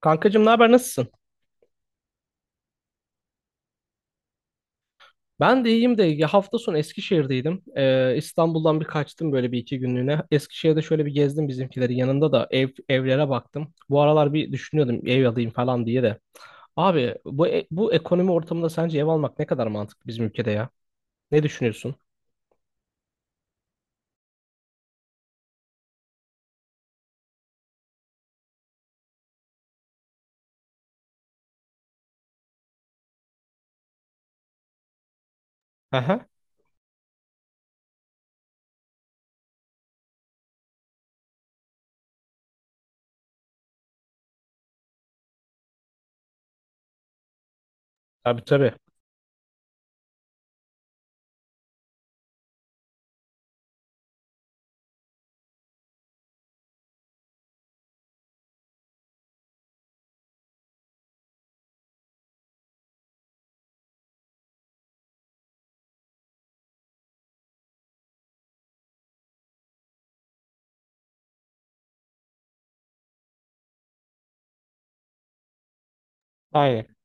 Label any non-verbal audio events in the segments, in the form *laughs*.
Kankacığım ne haber nasılsın? Ben de iyiyim de ya hafta sonu Eskişehir'deydim. İstanbul'dan bir kaçtım böyle bir iki günlüğüne. Eskişehir'de şöyle bir gezdim bizimkileri. Yanında da evlere baktım. Bu aralar bir düşünüyordum ev alayım falan diye de. Abi bu ekonomi ortamında sence ev almak ne kadar mantıklı bizim ülkede ya? Ne düşünüyorsun? Aha. Tabii tabii. Aynen.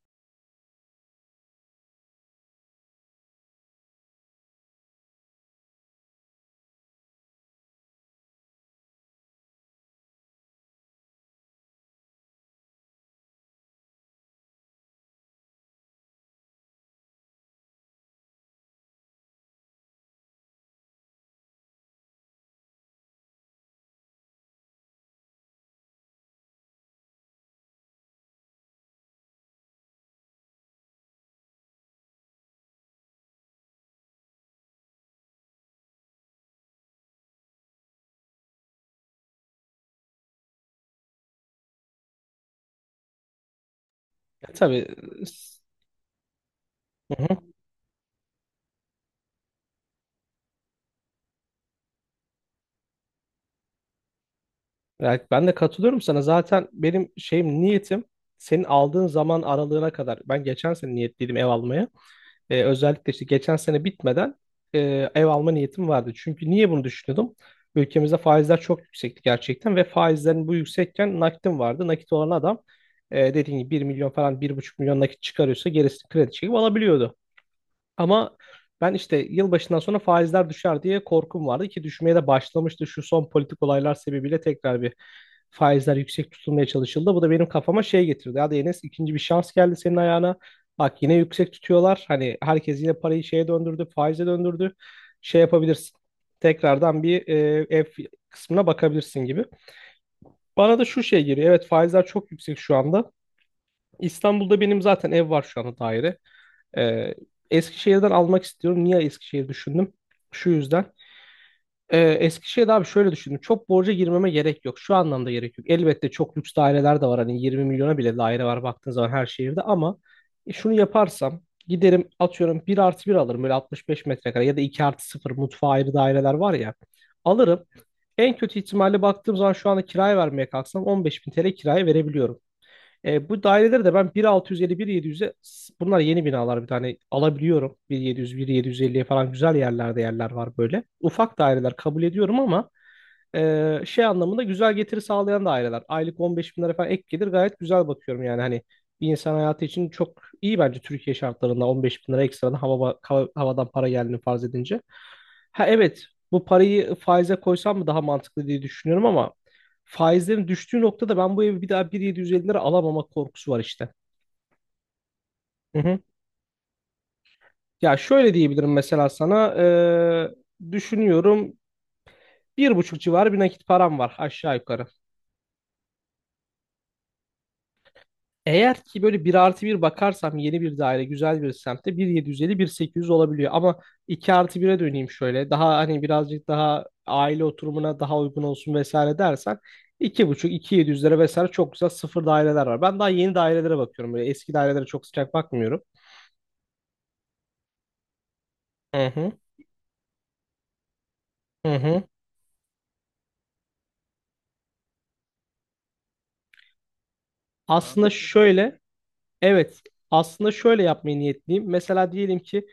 Ya, tabii. s- Hı hı. Yani ben de katılıyorum sana. Zaten benim niyetim senin aldığın zaman aralığına kadar. Ben geçen sene niyetliydim ev almaya. Özellikle işte geçen sene bitmeden e, ev alma niyetim vardı. Çünkü niye bunu düşünüyordum? Ülkemizde faizler çok yüksekti gerçekten ve faizlerin bu yüksekken nakitim vardı. Nakit olan adam dediğim gibi 1 milyon falan 1,5 milyon nakit çıkarıyorsa gerisini kredi çekip alabiliyordu. Ama ben işte yılbaşından sonra faizler düşer diye korkum vardı ki düşmeye de başlamıştı. Şu son politik olaylar sebebiyle tekrar bir faizler yüksek tutulmaya çalışıldı. Bu da benim kafama şey getirdi. Hadi Enes ikinci bir şans geldi senin ayağına. Bak yine yüksek tutuyorlar. Hani herkes yine parayı şeye döndürdü, faize döndürdü. Şey yapabilirsin. Tekrardan bir ev kısmına bakabilirsin gibi. Bana da şu şey geliyor. Evet faizler çok yüksek şu anda. İstanbul'da benim zaten ev var şu anda daire. Ee, Eskişehir'den almak istiyorum. Niye Eskişehir düşündüm? Şu yüzden. Eskişehir'de abi şöyle düşündüm. Çok borca girmeme gerek yok. Şu anlamda gerek yok. Elbette çok lüks daireler de var. Hani 20 milyona bile daire var baktığın zaman her şehirde ama şunu yaparsam giderim atıyorum bir artı bir alırım böyle 65 metrekare ya da 2 artı sıfır mutfağı ayrı daireler var ya alırım. En kötü ihtimalle baktığım zaman şu anda kiraya vermeye kalksam 15 bin TL kiraya verebiliyorum. Bu daireleri de ben 1.650, 1.700'e bunlar yeni binalar bir tane alabiliyorum. 1.700, 1.750'ye falan güzel yerlerde yerler var böyle. Ufak daireler kabul ediyorum ama şey anlamında güzel getiri sağlayan da aileler. Aylık 15 bin lira falan ek gelir gayet güzel bakıyorum yani hani bir insan hayatı için çok iyi bence Türkiye şartlarında 15 bin lira ekstradan havadan para geldiğini farz edince. Ha evet bu parayı faize koysam mı daha mantıklı diye düşünüyorum ama faizlerin düştüğü noktada ben bu evi bir daha 1.750 lira alamama korkusu var işte. Hı hı. Ya şöyle diyebilirim mesela sana düşünüyorum bir buçuk civarı bir nakit param var aşağı yukarı. Eğer ki böyle bir artı bir bakarsam yeni bir daire güzel bir semtte 1.750 1.800 olabiliyor ama 2 artı bir'e döneyim şöyle daha hani birazcık daha aile oturumuna daha uygun olsun vesaire dersen 2,5-2700'lere vesaire çok güzel sıfır daireler var. Ben daha yeni dairelere bakıyorum böyle eski dairelere çok sıcak bakmıyorum. Hı hı, hı hı. Aslında şöyle Evet, aslında şöyle yapmayı niyetliyim. Mesela diyelim ki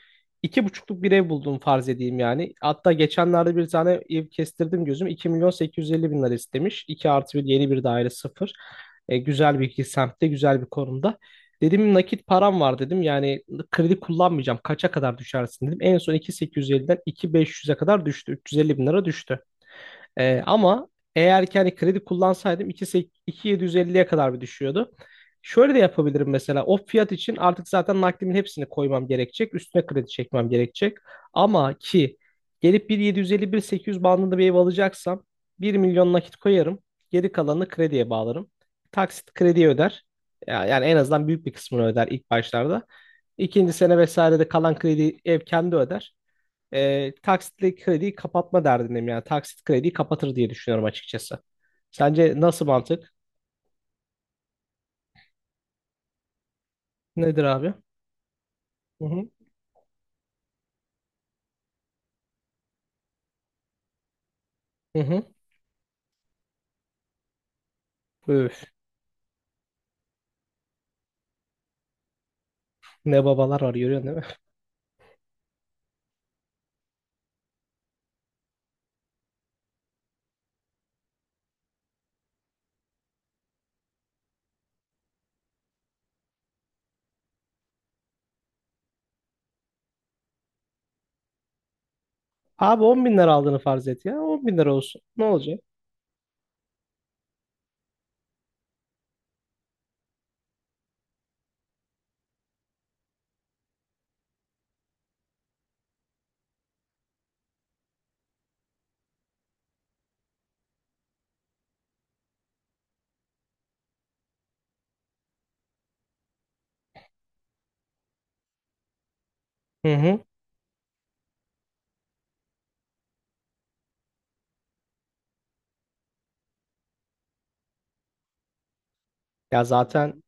iki buçukluk bir ev buldum farz edeyim yani. Hatta geçenlerde bir tane ev kestirdim gözüm. 2 milyon 850 bin lira istemiş. 2 artı bir yeni bir daire sıfır. Güzel bir iki semtte, güzel bir konumda. Dedim nakit param var dedim. Yani kredi kullanmayacağım. Kaça kadar düşersin dedim. En son 2.850'den 2.500'e kadar düştü. 350 bin lira düştü. Ama eğer ki hani kredi kullansaydım 2.750'ye kadar bir düşüyordu. Şöyle de yapabilirim mesela o fiyat için artık zaten nakdimin hepsini koymam gerekecek. Üstüne kredi çekmem gerekecek. Ama ki gelip 1.750-1.800 bandında bir ev alacaksam 1 milyon nakit koyarım. Geri kalanını krediye bağlarım. Taksit krediye öder. Yani en azından büyük bir kısmını öder ilk başlarda. İkinci sene vesaire de kalan kredi ev kendi öder taksitli krediyi kapatma derdindeyim yani taksit krediyi kapatır diye düşünüyorum açıkçası. Sence nasıl mantık? Nedir abi? Hı hı. Hı hı. Üf, ne babalar var görüyorsun değil mi? *laughs* Abi 10 bin lira aldığını farz et ya. 10 bin lira olsun. Ne olacak? Hı hı. Ya zaten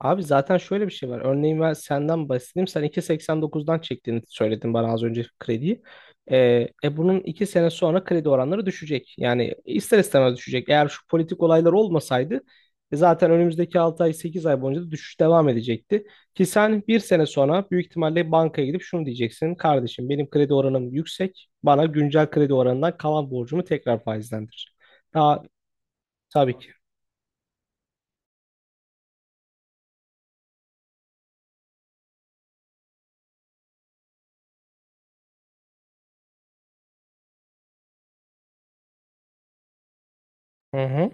Abi zaten şöyle bir şey var. Örneğin ben senden bahsedeyim. Sen 2.89'dan çektiğini söyledin bana az önce krediyi. Ee, bunun 2 sene sonra kredi oranları düşecek. Yani ister istemez düşecek. Eğer şu politik olaylar olmasaydı zaten önümüzdeki 6 ay 8 ay boyunca da düşüş devam edecekti. Ki sen bir sene sonra büyük ihtimalle bankaya gidip şunu diyeceksin. Kardeşim benim kredi oranım yüksek. Bana güncel kredi oranından kalan borcumu tekrar faizlendir. Daha tabii ki. Hı hı.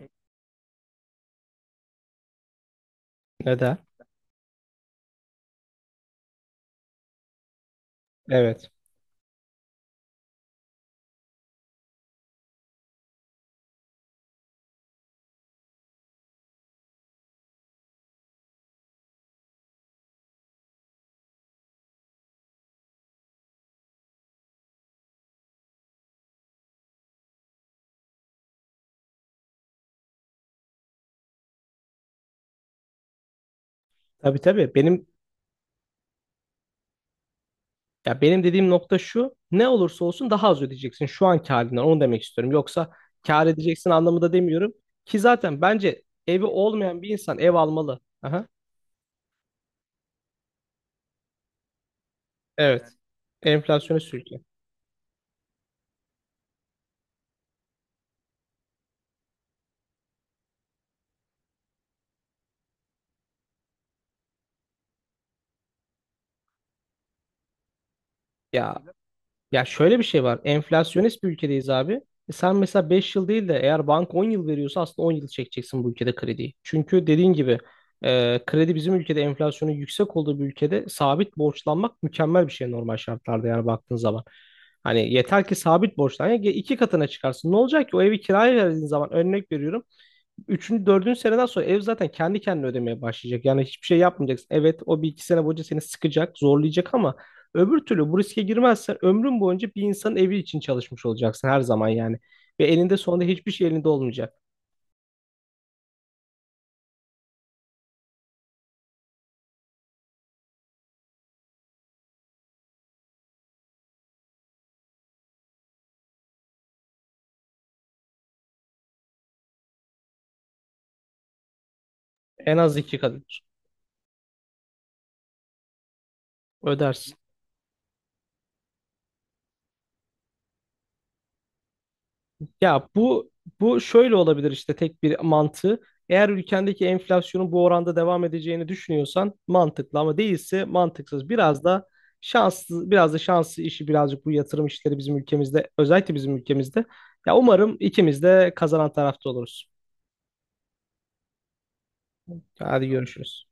Neden? Evet. Tabii tabii. Ya benim dediğim nokta şu, ne olursa olsun daha az ödeyeceksin şu anki halinden, onu demek istiyorum. Yoksa kâr edeceksin anlamında demiyorum ki zaten bence evi olmayan bir insan ev almalı. Aha, evet, Enflasyonu sürüklüyor. Ya Ya şöyle bir şey var. Enflasyonist bir ülkedeyiz abi. E sen mesela 5 yıl değil de eğer bank 10 yıl veriyorsa aslında 10 yıl çekeceksin bu ülkede krediyi. Çünkü dediğin gibi kredi bizim ülkede enflasyonun yüksek olduğu bir ülkede sabit borçlanmak mükemmel bir şey normal şartlarda yani baktığın zaman. Hani yeter ki sabit borçlan. Ya iki katına çıkarsın. Ne olacak ki o evi kiraya verdiğin zaman örnek veriyorum. Üçüncü, dördüncü seneden sonra ev zaten kendi kendine ödemeye başlayacak. Yani hiçbir şey yapmayacaksın. Evet o bir iki sene boyunca seni sıkacak, zorlayacak ama öbür türlü bu riske girmezsen ömrün boyunca bir insanın evi için çalışmış olacaksın her zaman yani. Ve elinde sonunda hiçbir şey elinde olmayacak. En az iki kadar ödersin. Ya bu şöyle olabilir işte tek bir mantığı. Eğer ülkendeki enflasyonun bu oranda devam edeceğini düşünüyorsan mantıklı ama değilse mantıksız. Biraz da şanslı işi birazcık bu yatırım işleri bizim ülkemizde, özellikle bizim ülkemizde. Ya umarım ikimiz de kazanan tarafta oluruz. Hadi görüşürüz.